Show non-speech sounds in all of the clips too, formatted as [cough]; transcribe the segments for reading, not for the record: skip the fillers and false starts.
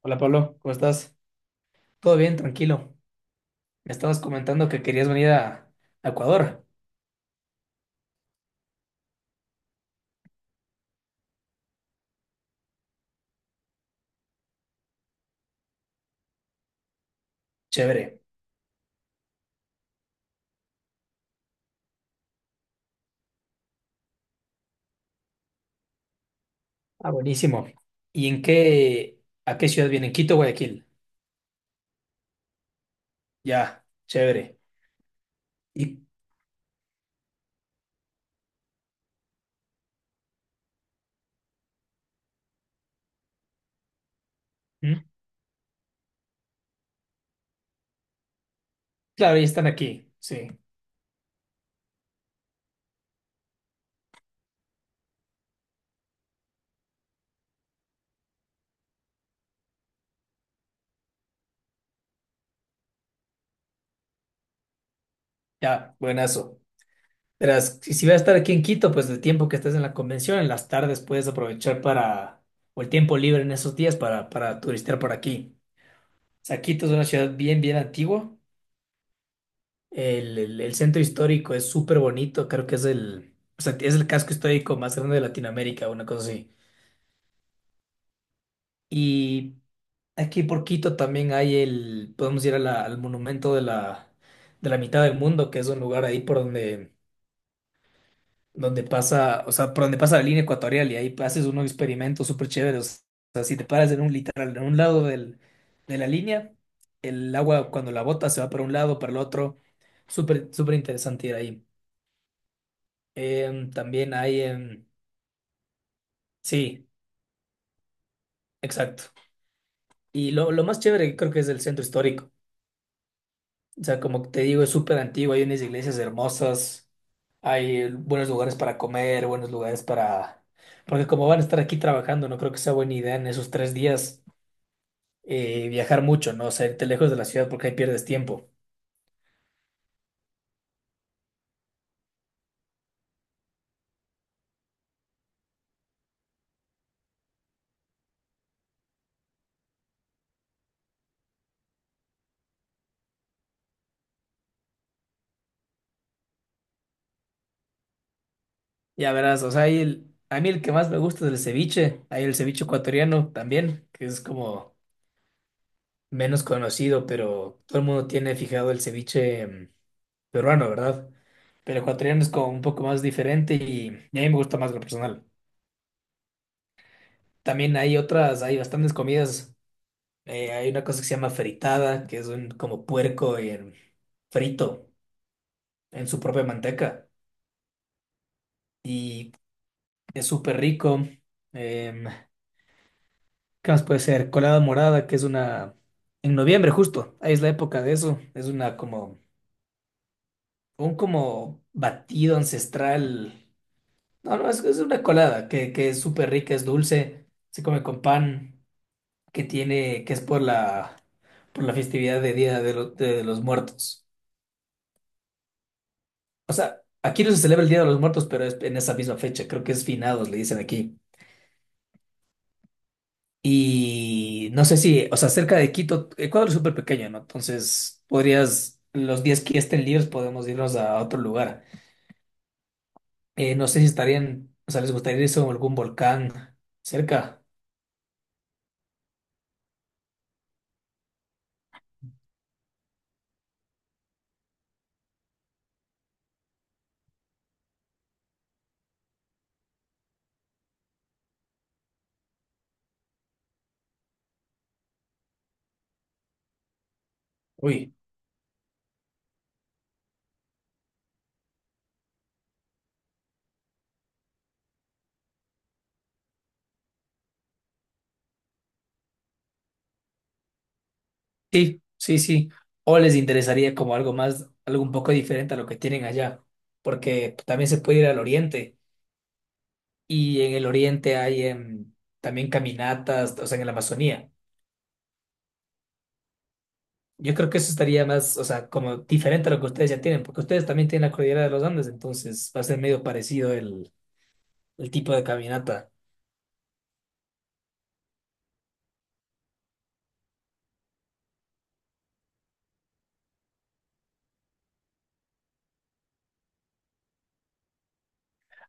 Hola Pablo, ¿cómo estás? ¿Todo bien? Tranquilo. Me estabas comentando que querías venir a Ecuador. Chévere. Ah, buenísimo. ¿Y en qué, a qué ciudad vienen? Quito, Guayaquil. Ya, chévere. Y ¿Mm? Claro, ya están aquí. Sí, ya, buenazo. Verás, si vas a estar aquí en Quito, pues el tiempo que estés en la convención, en las tardes puedes aprovechar o el tiempo libre en esos días para, turistear por aquí. O sea, Quito es una ciudad bien, bien antigua. El centro histórico es súper bonito, creo que es el, o sea, es el casco histórico más grande de Latinoamérica, una cosa así. Y aquí por Quito también podemos ir a al monumento de la mitad del mundo, que es un lugar ahí por donde pasa, o sea, por donde pasa la línea ecuatorial y ahí haces unos experimentos súper chéveres. O sea, si te paras en un literal, en un lado de la línea, el agua cuando la bota se va para un lado, para el otro. Súper, súper interesante ir ahí. También hay, sí, exacto. Y lo más chévere que creo que es el centro histórico. O sea, como te digo, es súper antiguo, hay unas iglesias hermosas, hay buenos lugares para comer, buenos lugares para... Porque como van a estar aquí trabajando, no creo que sea buena idea en esos 3 días viajar mucho, ¿no? O sea, irte lejos de la ciudad porque ahí pierdes tiempo. Ya verás, o sea, ahí a mí el que más me gusta es el ceviche, hay el ceviche ecuatoriano también, que es como menos conocido, pero todo el mundo tiene fijado el ceviche peruano, ¿verdad? Pero ecuatoriano es como un poco más diferente y a mí me gusta más lo personal. También hay otras, hay bastantes comidas, hay una cosa que se llama fritada, que es un como puerco frito en su propia manteca y es súper rico. Em, ¿Qué más puede ser? Colada morada, que es una... En noviembre justo, ahí es la época de eso. Es una como... Un como batido ancestral. No, no, es una colada que es súper rica, es dulce, se come con pan, que tiene... que es por la festividad de Día de los Muertos. O sea, aquí no se celebra el Día de los Muertos, pero es en esa misma fecha. Creo que es finados, le dicen aquí. Y no sé si, o sea, cerca de Quito, Ecuador es súper pequeño, ¿no? Entonces, podrías, los días que estén libres podemos irnos a otro lugar. No sé si estarían, o sea, les gustaría irse a algún volcán cerca. Uy, sí, sí, sí. O les interesaría como algo más, algo un poco diferente a lo que tienen allá, porque también se puede ir al oriente y en el oriente hay también caminatas, o sea, en la Amazonía. Yo creo que eso estaría más, o sea, como diferente a lo que ustedes ya tienen, porque ustedes también tienen la cordillera de los Andes, entonces va a ser medio parecido el tipo de caminata.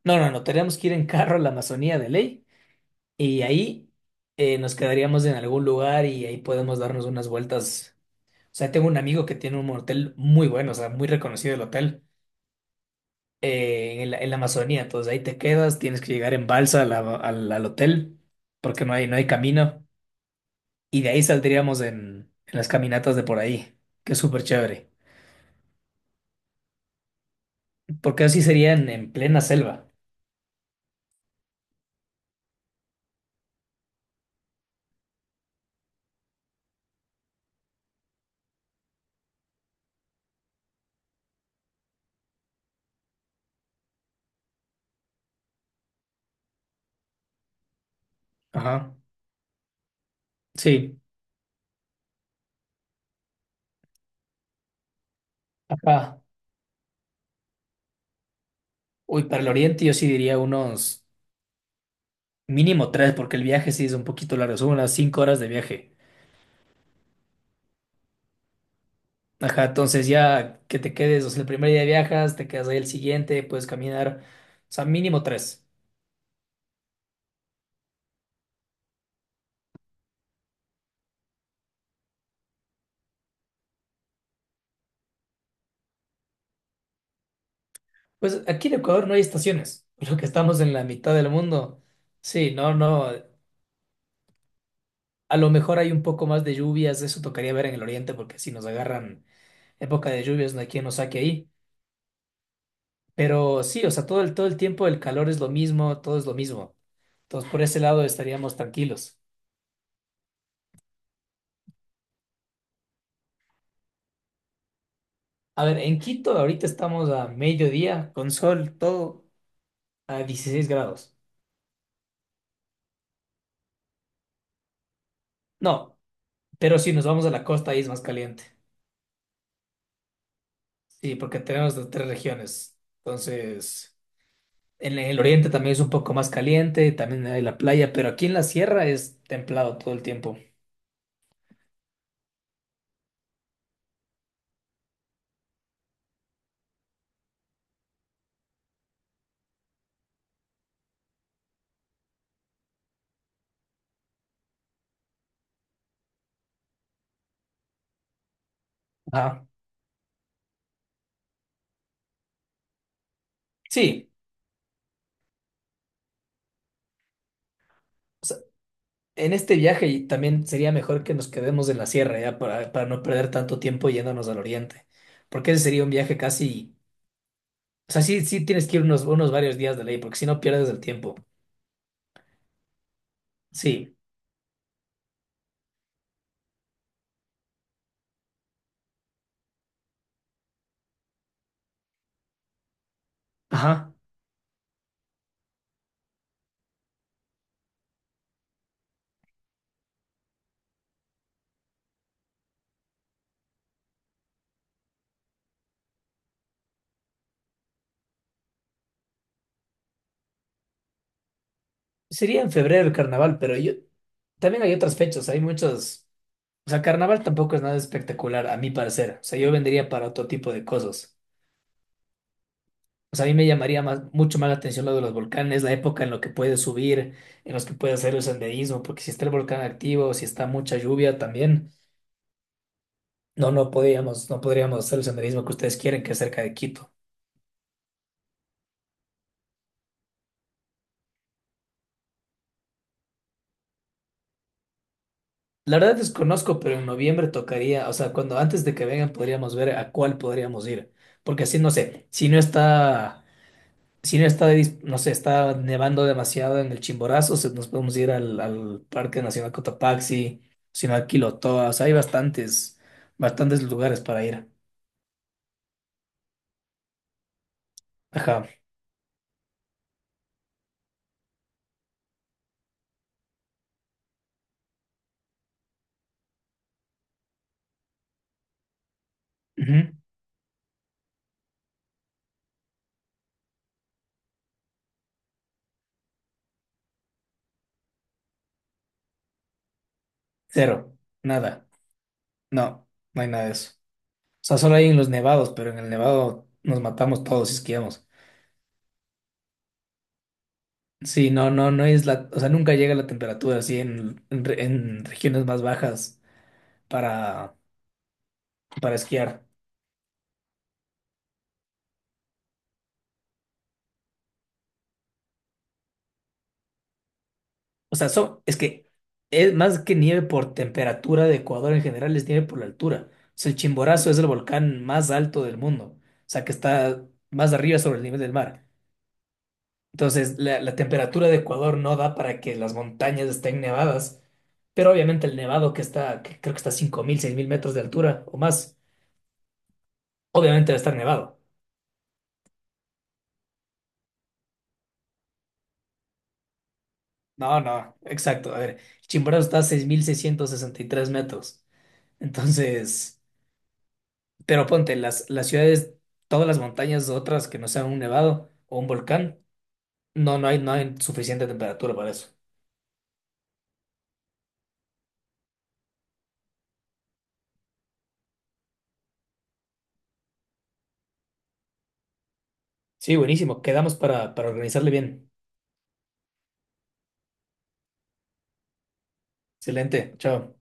No, no, no, tenemos que ir en carro a la Amazonía de ley y ahí nos quedaríamos en algún lugar y ahí podemos darnos unas vueltas. O sea, tengo un amigo que tiene un hotel muy bueno, o sea, muy reconocido el hotel en la, Amazonía, entonces ahí te quedas, tienes que llegar en balsa a al hotel porque no hay camino. Y de ahí saldríamos en las caminatas de por ahí, que es súper chévere. Porque así serían en plena selva. Ajá. Sí. Ajá. Uy, para el oriente yo sí diría unos mínimo tres, porque el viaje sí es un poquito largo, son unas 5 horas de viaje. Ajá, entonces ya que te quedes, o sea, el primer día viajas, te quedas ahí el siguiente, puedes caminar, o sea, mínimo tres. Pues aquí en Ecuador no hay estaciones, [laughs] lo que estamos en la mitad del mundo. Sí, no, no. A lo mejor hay un poco más de lluvias, eso tocaría ver en el oriente, porque si nos agarran época de lluvias, no hay quien nos saque ahí. Pero sí, o sea, todo el, tiempo el calor es lo mismo, todo es lo mismo. Entonces, por ese lado estaríamos tranquilos. A ver, en Quito ahorita estamos a mediodía, con sol, todo a 16 grados. No, pero si nos vamos a la costa, ahí es más caliente. Sí, porque tenemos las tres regiones. Entonces, en el oriente también es un poco más caliente, también hay la playa, pero aquí en la sierra es templado todo el tiempo. Ah, sí. O sea, en este viaje y también sería mejor que nos quedemos en la sierra ya para, no perder tanto tiempo yéndonos al oriente. Porque ese sería un viaje casi. O sea, sí, sí tienes que ir unos varios días de ley, porque si no pierdes el tiempo. Sí. Ajá. Sería en febrero el carnaval, pero yo también hay otras fechas, hay muchos. O sea, carnaval tampoco es nada espectacular, a mi parecer. O sea, yo vendría para otro tipo de cosas. O sea, a mí me llamaría más, mucho más la atención lo de los volcanes, la época en la que puedes subir, en los que puedes hacer el senderismo, porque si está el volcán activo, si está mucha lluvia también, no, no podríamos, hacer el senderismo que ustedes quieren, que es cerca de Quito. La verdad desconozco, pero en noviembre tocaría, o sea, cuando antes de que vengan podríamos ver a cuál podríamos ir, porque así no sé, si no está no sé, está nevando demasiado en el Chimborazo, nos podemos ir al, Parque Nacional Cotopaxi, Nacional Quilotoa, o sea, hay bastantes, bastantes lugares para ir. Ajá. Ujú. Cero. Nada. No, no hay nada de eso. O sea, solo hay en los nevados, pero en el nevado nos matamos todos si esquiamos. Sí, no, no, no es la, o sea, nunca llega la temperatura así en regiones más bajas para, para esquiar. O sea, es que es más que nieve por temperatura de Ecuador en general, es nieve por la altura. O sea, el Chimborazo es el volcán más alto del mundo. O sea, que está más arriba sobre el nivel del mar. Entonces, la temperatura de Ecuador no da para que las montañas estén nevadas. Pero obviamente el nevado que está, que creo que está a 5.000, 6.000 metros de altura o más, obviamente va a estar nevado. No, no, exacto. A ver, el Chimborazo está a 6.663 metros. Entonces... Pero ponte, las, ciudades, todas las montañas otras que no sean un nevado o un volcán, no, no hay, suficiente temperatura para eso. Sí, buenísimo. Quedamos para, organizarle bien. Excelente. Chao.